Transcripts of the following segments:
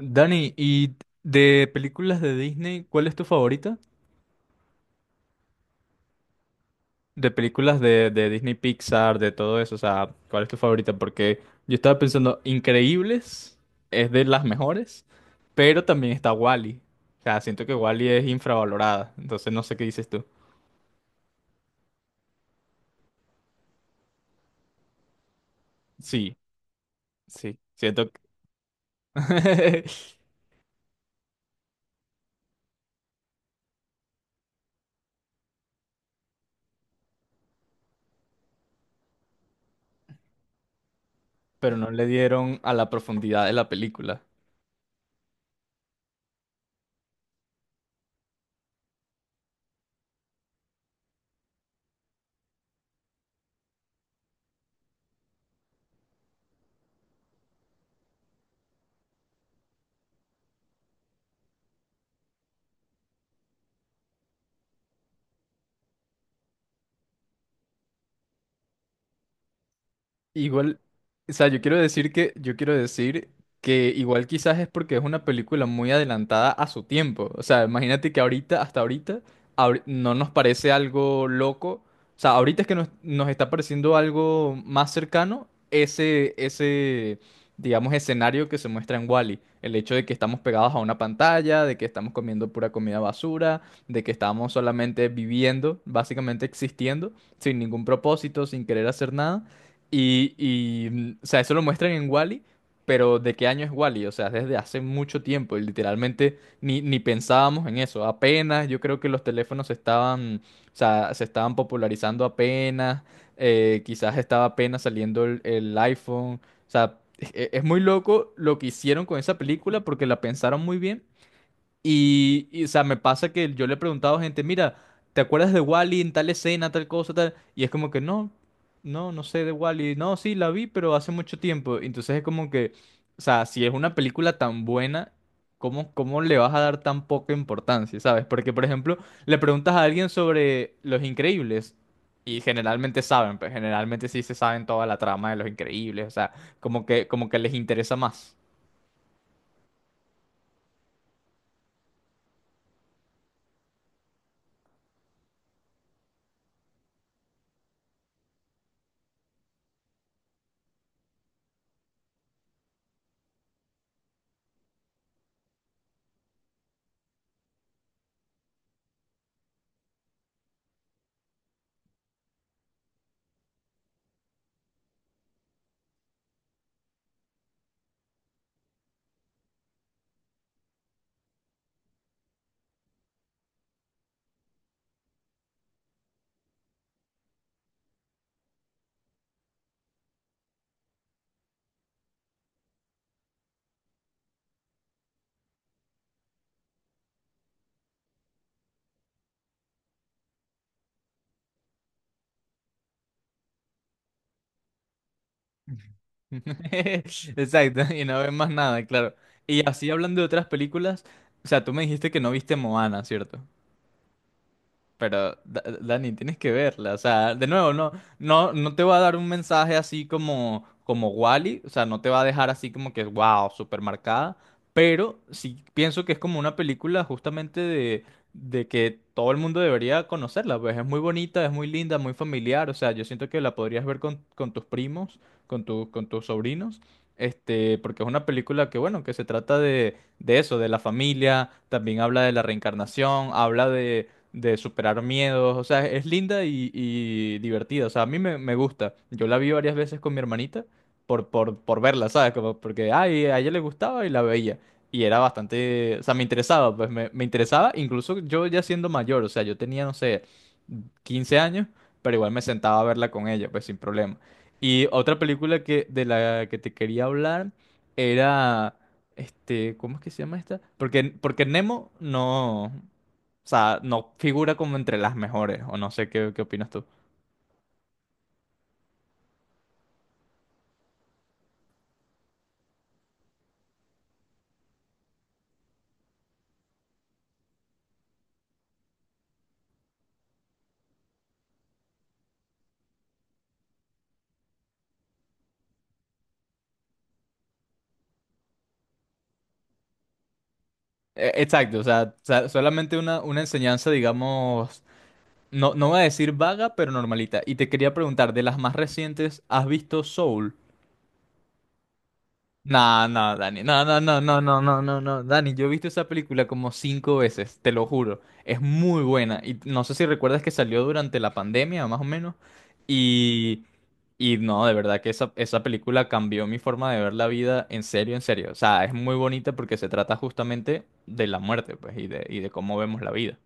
Dani, ¿y de películas de Disney, cuál es tu favorita? De películas de Disney Pixar, de todo eso, o sea, ¿cuál es tu favorita? Porque yo estaba pensando, Increíbles es de las mejores, pero también está Wall-E. O sea, siento que Wall-E es infravalorada, entonces no sé qué dices tú. Sí, sí, siento que pero no le dieron a la profundidad de la película. Igual, o sea, yo quiero decir que igual quizás es porque es una película muy adelantada a su tiempo. O sea, imagínate que ahorita, hasta ahorita, no nos parece algo loco. O sea, ahorita es que nos está pareciendo algo más cercano ese, digamos, escenario que se muestra en Wall-E. El hecho de que estamos pegados a una pantalla, de que estamos comiendo pura comida basura, de que estamos solamente viviendo, básicamente existiendo, sin ningún propósito, sin querer hacer nada. Y, o sea, eso lo muestran en Wall-E. Pero ¿de qué año es Wall-E? O sea, desde hace mucho tiempo y literalmente ni pensábamos en eso. Apenas, yo creo que los teléfonos se estaban, o sea, se estaban popularizando apenas, quizás estaba apenas saliendo el iPhone. O sea, es muy loco lo que hicieron con esa película porque la pensaron muy bien y, o sea, me pasa que yo le he preguntado a gente, mira, ¿te acuerdas de Wally en tal escena, tal cosa, tal? Y es como que no, no, no sé de Wally. No, sí, la vi, pero hace mucho tiempo. Entonces es como que, o sea, si es una película tan buena, ¿cómo le vas a dar tan poca importancia, sabes? Porque, por ejemplo, le preguntas a alguien sobre Los Increíbles y generalmente saben, pues generalmente sí se saben toda la trama de Los Increíbles, o sea, como que les interesa más. Exacto, y no ves más nada, claro. Y así hablando de otras películas, o sea, tú me dijiste que no viste Moana, ¿cierto? Pero, Dani, tienes que verla. O sea, de nuevo, no, no, no te va a dar un mensaje así como, como Wall-E. O sea, no te va a dejar así como que, wow, súper marcada. Pero sí pienso que es como una película justamente de que todo el mundo debería conocerla. Pues es muy bonita, es muy linda, muy familiar. O sea, yo siento que la podrías ver con tus primos, con tus sobrinos. Este, porque es una película que, bueno, que se trata de eso, de la familia, también habla de la reencarnación, habla de superar miedos. O sea, es linda y divertida. O sea, a mí me gusta. Yo la vi varias veces con mi hermanita por verla, ¿sabes? Como porque ay, a ella le gustaba y la veía. Y era bastante, o sea, me interesaba, pues me interesaba, incluso yo ya siendo mayor, o sea, yo tenía, no sé, 15 años, pero igual me sentaba a verla con ella, pues sin problema. Y otra película que, de la que te quería hablar era, este, ¿cómo es que se llama esta? Porque Nemo no. O sea, no figura como entre las mejores, o no sé qué opinas tú. Exacto, o sea, solamente una enseñanza, digamos, no, no voy a decir vaga, pero normalita. Y te quería preguntar, de las más recientes, ¿has visto Soul? No, no, Dani, no, no, no, no, no, no, no, no, Dani, yo he visto esa película como cinco veces, te lo juro, es muy buena y no sé si recuerdas que salió durante la pandemia, más o menos, y, y no, de verdad que esa película cambió mi forma de ver la vida, en serio, o sea, es muy bonita porque se trata justamente de la muerte, pues, y de cómo vemos la vida.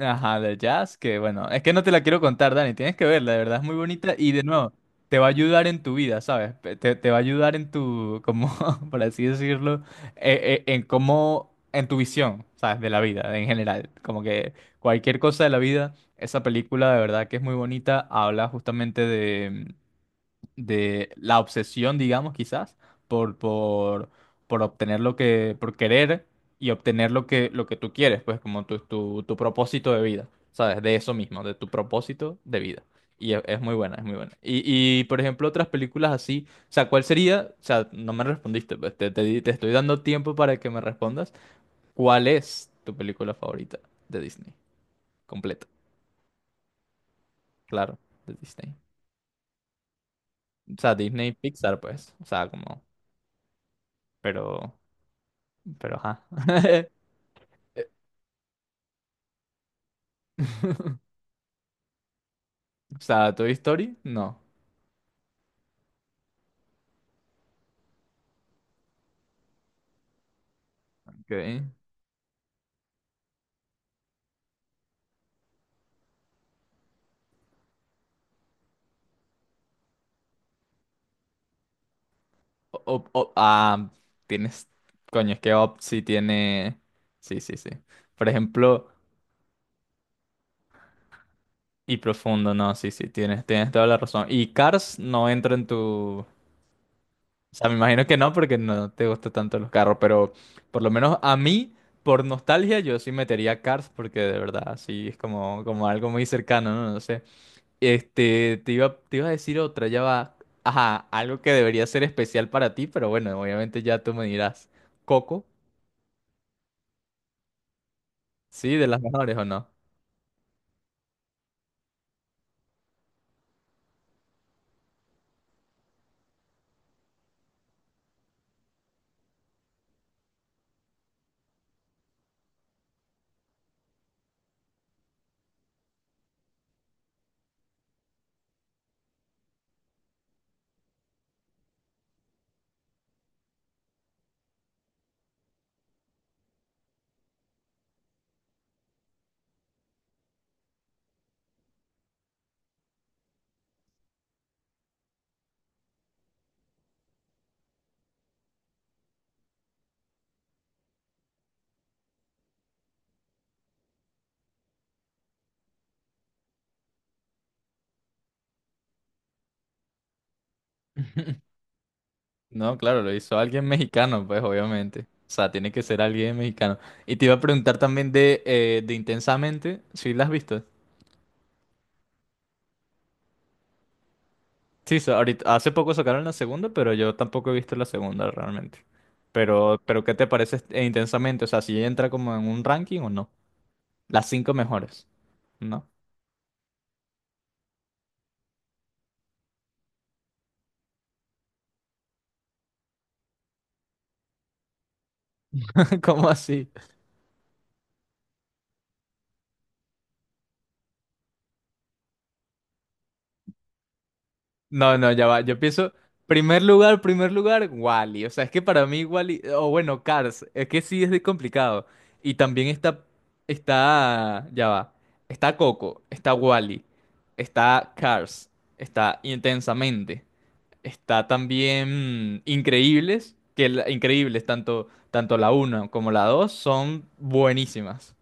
Ajá, de jazz, que bueno, es que no te la quiero contar, Dani, tienes que verla, de verdad es muy bonita y de nuevo, te va a ayudar en tu vida, ¿sabes? Te va a ayudar en tu, como, por así decirlo, en cómo, en tu visión, ¿sabes? De la vida en general, como que cualquier cosa de la vida, esa película de verdad que es muy bonita, habla justamente de la obsesión, digamos, quizás, por, por, por obtener lo que, por querer y obtener lo que, tú quieres, pues como tu propósito de vida, ¿sabes? De eso mismo, de tu propósito de vida. Y es muy buena, es muy buena. Y, por ejemplo, otras películas así, o sea, ¿cuál sería? O sea, no me respondiste, pues te estoy dando tiempo para que me respondas. ¿Cuál es tu película favorita de Disney? Completa, claro, de Disney. O sea, Disney Pixar, pues, o sea, como, pero. Pero ajá. O sea, ¿Toy Story? No. Okay. O- o- o- ah, Tienes. Coño, es que Up sí tiene. Sí, sí, sí. Por ejemplo, y Profundo, no, sí, sí, tienes toda la razón. Y Cars no entra en tu. O sea, me imagino que no, porque no te gustan tanto los carros, pero por lo menos a mí, por nostalgia, yo sí metería Cars, porque de verdad, sí, es como, como algo muy cercano, ¿no? No sé. Este, te iba a decir otra, ya va. Ajá, algo que debería ser especial para ti, pero bueno, obviamente ya tú me dirás. Coco, ¿sí? ¿De las mejores o no? No, claro, lo hizo alguien mexicano, pues obviamente. O sea, tiene que ser alguien mexicano. Y te iba a preguntar también de Intensamente, ¿si la has visto? Sí, ahorita, hace poco sacaron la segunda, pero yo tampoco he visto la segunda realmente. Pero, ¿qué te parece Intensamente? O sea, si entra como en un ranking o no. Las cinco mejores, ¿no? ¿Cómo así? No, no, ya va. Yo pienso, primer lugar, Wally. O sea, es que para mí Wally, o bueno, Cars, es que sí es de complicado. Y también está, ya va. Está Coco, está Wally, está Cars, está Intensamente, está también Increíbles, Increíbles, tanto la uno como la 2 son buenísimas.